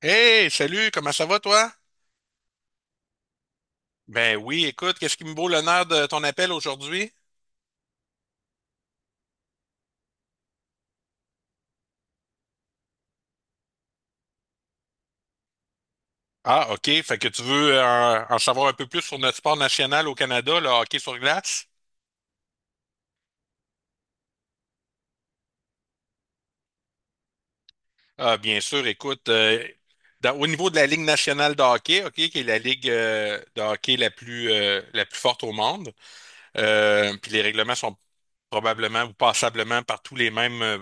Hey, salut, comment ça va toi? Ben oui, écoute, qu'est-ce qui me vaut l'honneur de ton appel aujourd'hui? Ah, OK, fait que tu veux en savoir un peu plus sur notre sport national au Canada, le hockey sur glace? Ah, bien sûr, écoute, au niveau de la Ligue nationale de hockey, OK, qui est la ligue de hockey la plus forte au monde, puis les règlements sont probablement ou passablement par tous les mêmes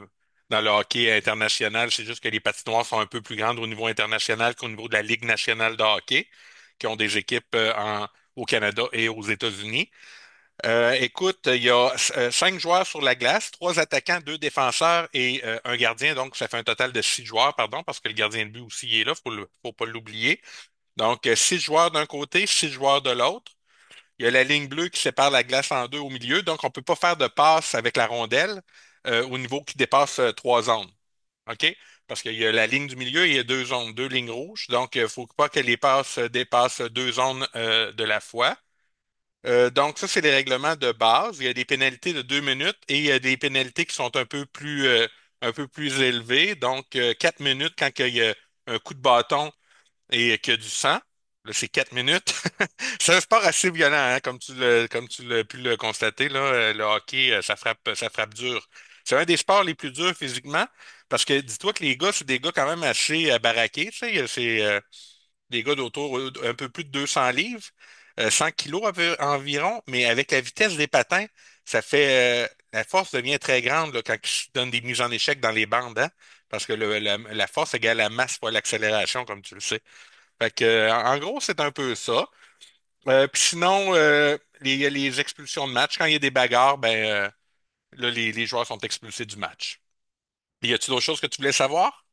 dans le hockey international. C'est juste que les patinoires sont un peu plus grandes au niveau international qu'au niveau de la Ligue nationale de hockey, qui ont des équipes au Canada et aux États-Unis. Écoute, il y a cinq joueurs sur la glace, trois attaquants, deux défenseurs et un gardien. Donc, ça fait un total de six joueurs, pardon, parce que le gardien de but aussi il est là, faut pas l'oublier. Donc, six joueurs d'un côté, six joueurs de l'autre. Il y a la ligne bleue qui sépare la glace en deux au milieu, donc on ne peut pas faire de passe avec la rondelle au niveau qui dépasse trois zones. OK? Parce qu'il y a la ligne du milieu et il y a deux zones, deux lignes rouges. Donc, il ne faut pas que les passes dépassent deux zones de la fois. Donc, ça, c'est les règlements de base. Il y a des pénalités de 2 minutes et il y a des pénalités qui sont un peu plus élevées. Donc, 4 minutes quand il y a un coup de bâton et que du sang. Là, c'est 4 minutes. C'est un sport assez violent, hein, comme tu l'as pu le constater, là, le hockey, ça frappe dur. C'est un des sports les plus durs physiquement, parce que dis-toi que les gars, c'est des gars quand même assez baraqués, tu sais, c'est des gars d'autour un peu plus de 200 livres, 100 kilos environ, mais avec la vitesse des patins, ça fait, euh, la force devient très grande là, quand ils se donnent des mises en échec dans les bandes, hein, parce que la force égale la masse fois l'accélération, comme tu le sais. Fait que, en gros, c'est un peu ça. Puis sinon, les expulsions de match, quand il y a des bagarres, là, les joueurs sont expulsés du match. Puis y a-tu d'autres choses que tu voulais savoir?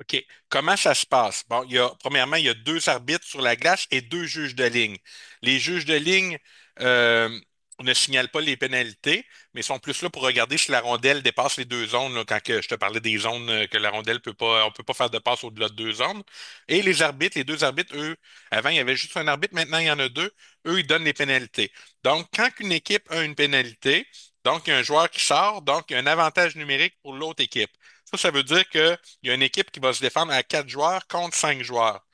OK. Comment ça se passe? Bon, premièrement, il y a deux arbitres sur la glace et deux juges de ligne. Les juges de ligne euh, ne signalent pas les pénalités, mais sont plus là pour regarder si la rondelle dépasse les deux zones, là, quand que je te parlais des zones que la rondelle peut pas, on peut pas faire de passe au-delà de deux zones. Et les deux arbitres, eux, avant, il y avait juste un arbitre, maintenant, il y en a deux. Eux, ils donnent les pénalités. Donc, quand une équipe a une pénalité, donc il y a un joueur qui sort, donc il y a un avantage numérique pour l'autre équipe. Ça veut dire que il y a une équipe qui va se défendre à quatre joueurs contre cinq joueurs.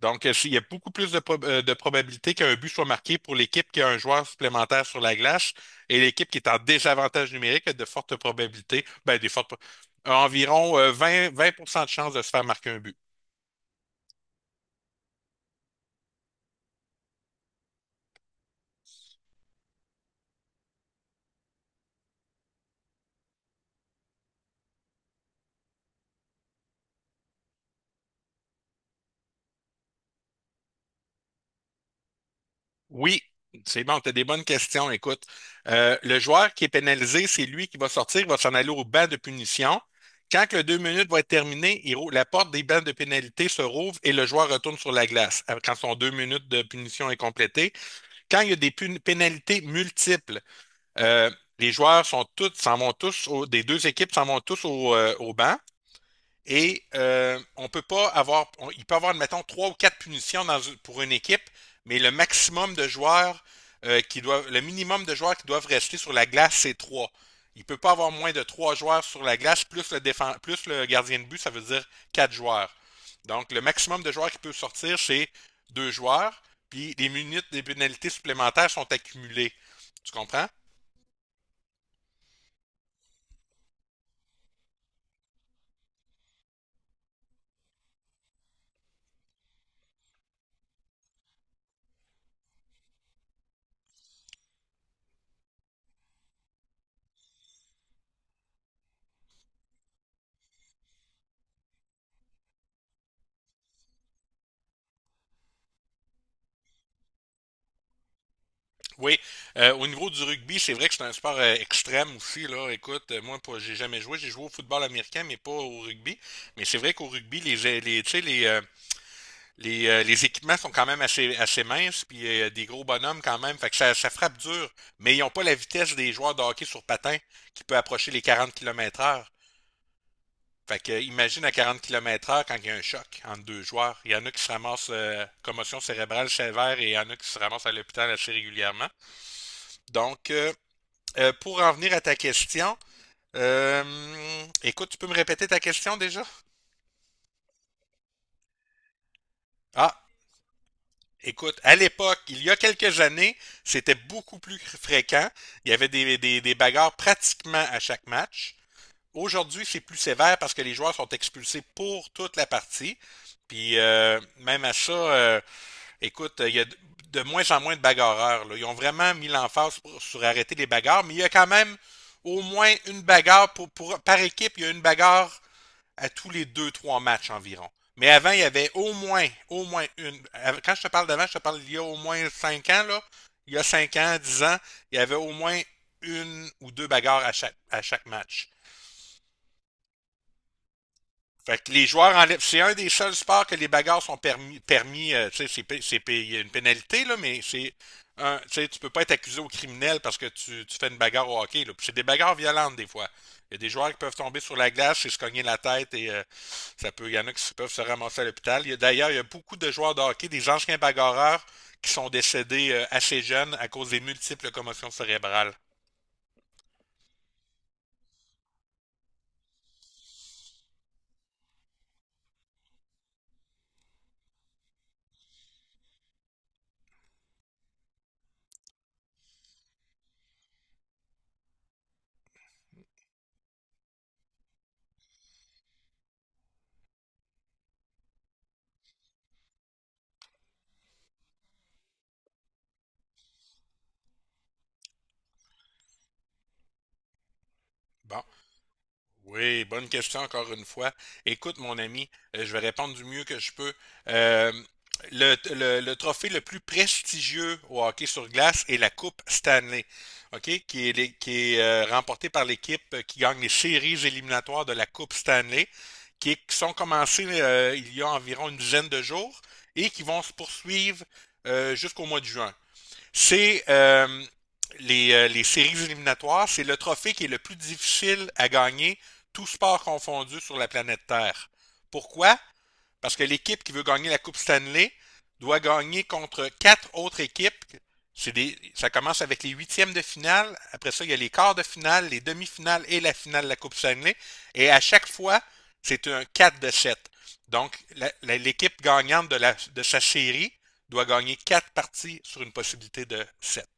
Donc, s'il y a beaucoup plus de probabilité qu'un but soit marqué pour l'équipe qui a un joueur supplémentaire sur la glace et l'équipe qui est en désavantage numérique a de fortes probabilités, ben, a environ 20% de chances de se faire marquer un but. Oui, c'est bon, tu as des bonnes questions. Écoute, le joueur qui est pénalisé, c'est lui qui va sortir, il va s'en aller au banc de punition. Quand que le 2 minutes va être terminé, la porte des bancs de pénalité se rouvre et le joueur retourne sur la glace quand son 2 minutes de punition est complétée. Quand il y a des pénalités multiples, euh, les joueurs sont tous, s'en vont tous, des deux équipes s'en vont tous au banc. Et on peut pas avoir, il peut avoir, mettons, trois ou quatre punitions dans pour une équipe, mais le maximum de joueurs qui doivent, le minimum de joueurs qui doivent rester sur la glace, c'est trois. Il peut pas avoir moins de trois joueurs sur la glace, plus le défense, plus le gardien de but, ça veut dire quatre joueurs. Donc, le maximum de joueurs qui peut sortir, c'est deux joueurs, puis les minutes des pénalités supplémentaires sont accumulées. Tu comprends? Oui, au niveau du rugby, c'est vrai que c'est un sport extrême aussi, là. Écoute, moi, j'ai jamais joué. J'ai joué au football américain, mais pas au rugby. Mais c'est vrai qu'au rugby, tu sais, les équipements sont quand même assez, assez minces, puis des gros bonhommes quand même. Fait que ça frappe dur, mais ils ont pas la vitesse des joueurs de hockey sur patin qui peut approcher les 40 km heure. Fait que imagine à 40 km heure quand il y a un choc entre deux joueurs. Il y en a qui se ramassent commotion cérébrale sévère et il y en a qui se ramassent à l'hôpital assez régulièrement. Donc, pour en venir à ta question, écoute, tu peux me répéter ta question déjà? Ah, écoute, à l'époque, il y a quelques années, c'était beaucoup plus fréquent. Il y avait des bagarres pratiquement à chaque match. Aujourd'hui, c'est plus sévère parce que les joueurs sont expulsés pour toute la partie. Puis même à ça, écoute, il y a de moins en moins de bagarreurs là. Ils ont vraiment mis l'emphase sur arrêter les bagarres, mais il y a quand même au moins une bagarre par équipe, il y a une bagarre à tous les deux, trois matchs environ. Mais avant, il y avait au moins une. Quand je te parle d'avant, je te parle d'il y a au moins cinq ans, là. Il y a 5 ans, 10 ans, il y avait au moins une ou deux bagarres à chaque match. Fait que les joueurs enlèvent. C'est un des seuls sports que les bagarres sont permis. Tu sais, c'est il y a une pénalité, là, mais c'est. Un, tu sais, tu peux pas être accusé au criminel parce que tu fais une bagarre au hockey. Là. Puis c'est des bagarres violentes des fois. Il y a des joueurs qui peuvent tomber sur la glace et se cogner la tête et ça peut. Il y en a qui peuvent se ramasser à l'hôpital. D'ailleurs, il y a beaucoup de joueurs de hockey, des anciens bagarreurs, qui sont décédés assez jeunes à cause des multiples commotions cérébrales. Bon. Oui, bonne question encore une fois. Écoute, mon ami, je vais répondre du mieux que je peux. Euh, le trophée le plus prestigieux au hockey sur glace est la Coupe Stanley, OK, qui est remportée par l'équipe qui gagne les séries éliminatoires de la Coupe Stanley, qui sont commencées il y a environ une dizaine de jours et qui vont se poursuivre jusqu'au mois de juin. C'est euh, les séries éliminatoires, c'est le trophée qui est le plus difficile à gagner, tout sport confondu sur la planète Terre. Pourquoi? Parce que l'équipe qui veut gagner la Coupe Stanley doit gagner contre quatre autres équipes. Ça commence avec les huitièmes de finale. Après ça, il y a les quarts de finale, les demi-finales et la finale de la Coupe Stanley. Et à chaque fois, c'est un 4 de 7. Donc, l'équipe gagnante de sa série doit gagner quatre parties sur une possibilité de 7.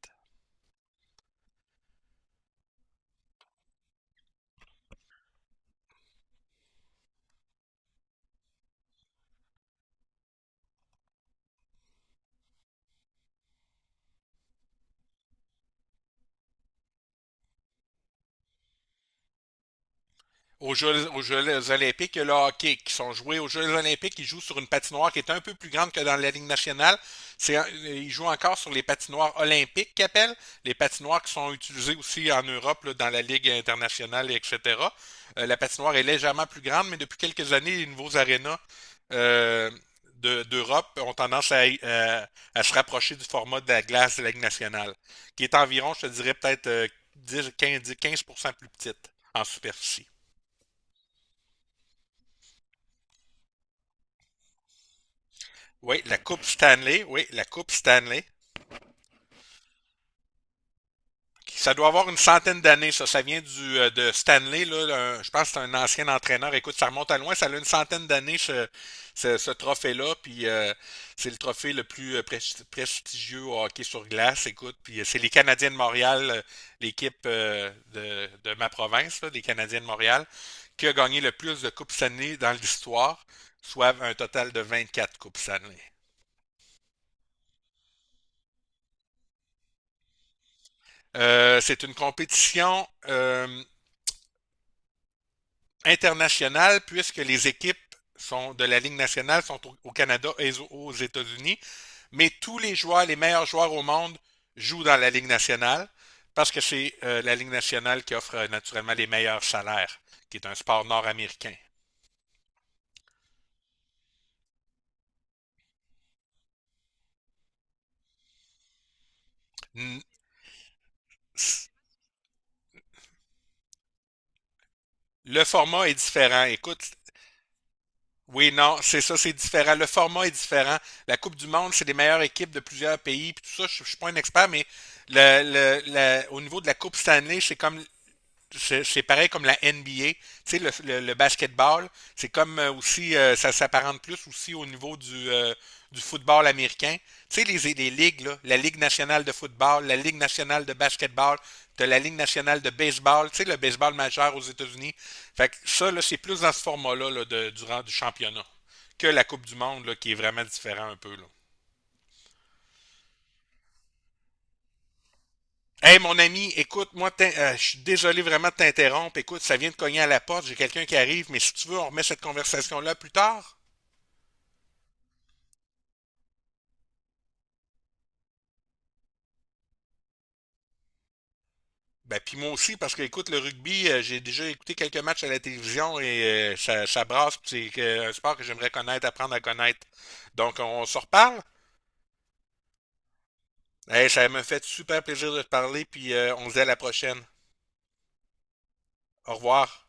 Aux Jeux olympiques, il y a le hockey qui sont joués aux Jeux olympiques. Ils jouent sur une patinoire qui est un peu plus grande que dans la Ligue nationale. Ils jouent encore sur les patinoires olympiques qu'ils appellent, les patinoires qui sont utilisées aussi en Europe, là, dans la Ligue internationale, etc. La patinoire est légèrement plus grande, mais depuis quelques années, les nouveaux arénas euh, d'Europe ont tendance à se rapprocher du format de la glace de la Ligue nationale, qui est environ, je te dirais, peut-être 10, 15, 15% plus petite en superficie. Oui, la Coupe Stanley. Oui, la Coupe Stanley. Ça doit avoir une centaine d'années, ça. Ça vient de Stanley, là. Je pense que c'est un ancien entraîneur. Écoute, ça remonte à loin. Ça a une centaine d'années, ce trophée-là. Puis c'est le trophée le plus prestigieux au hockey sur glace. Écoute, puis c'est les Canadiens de Montréal, l'équipe de ma province, là, des Canadiens de Montréal, qui a gagné le plus de Coupes Stanley dans l'histoire, soit un total de 24 Coupes Stanley. C'est une compétition international puisque les équipes sont de la Ligue nationale sont au Canada et aux États-Unis, mais tous les joueurs, les meilleurs joueurs au monde jouent dans la Ligue nationale parce que c'est la Ligue nationale qui offre naturellement les meilleurs salaires, qui est un sport nord-américain. Le format est différent. Écoute, oui, non, c'est ça, c'est différent. Le format est différent. La Coupe du Monde, c'est les meilleures équipes de plusieurs pays, puis tout ça, je suis pas un expert, mais au niveau de la Coupe Stanley, c'est pareil comme la NBA. Tu sais, le basketball, c'est comme aussi, ça s'apparente plus aussi au niveau du football américain. Tu sais, les ligues, là, la Ligue nationale de football, la Ligue nationale de basketball, de la Ligue nationale de baseball, tu sais, le baseball majeur aux États-Unis. Fait que ça, là, c'est plus dans ce format-là là, durant du championnat que la Coupe du Monde, là, qui est vraiment différent un peu. Là. Hey, mon ami, écoute, moi, je suis désolé vraiment de t'interrompre. Écoute, ça vient de cogner à la porte, j'ai quelqu'un qui arrive, mais si tu veux, on remet cette conversation-là plus tard. Ben, puis moi aussi, parce que, écoute, le rugby, j'ai déjà écouté quelques matchs à la télévision et ça, ça brasse, puis c'est un sport que j'aimerais connaître, apprendre à connaître. Donc, on se reparle. Hey, ça me fait super plaisir de te parler, puis on se dit à la prochaine. Au revoir.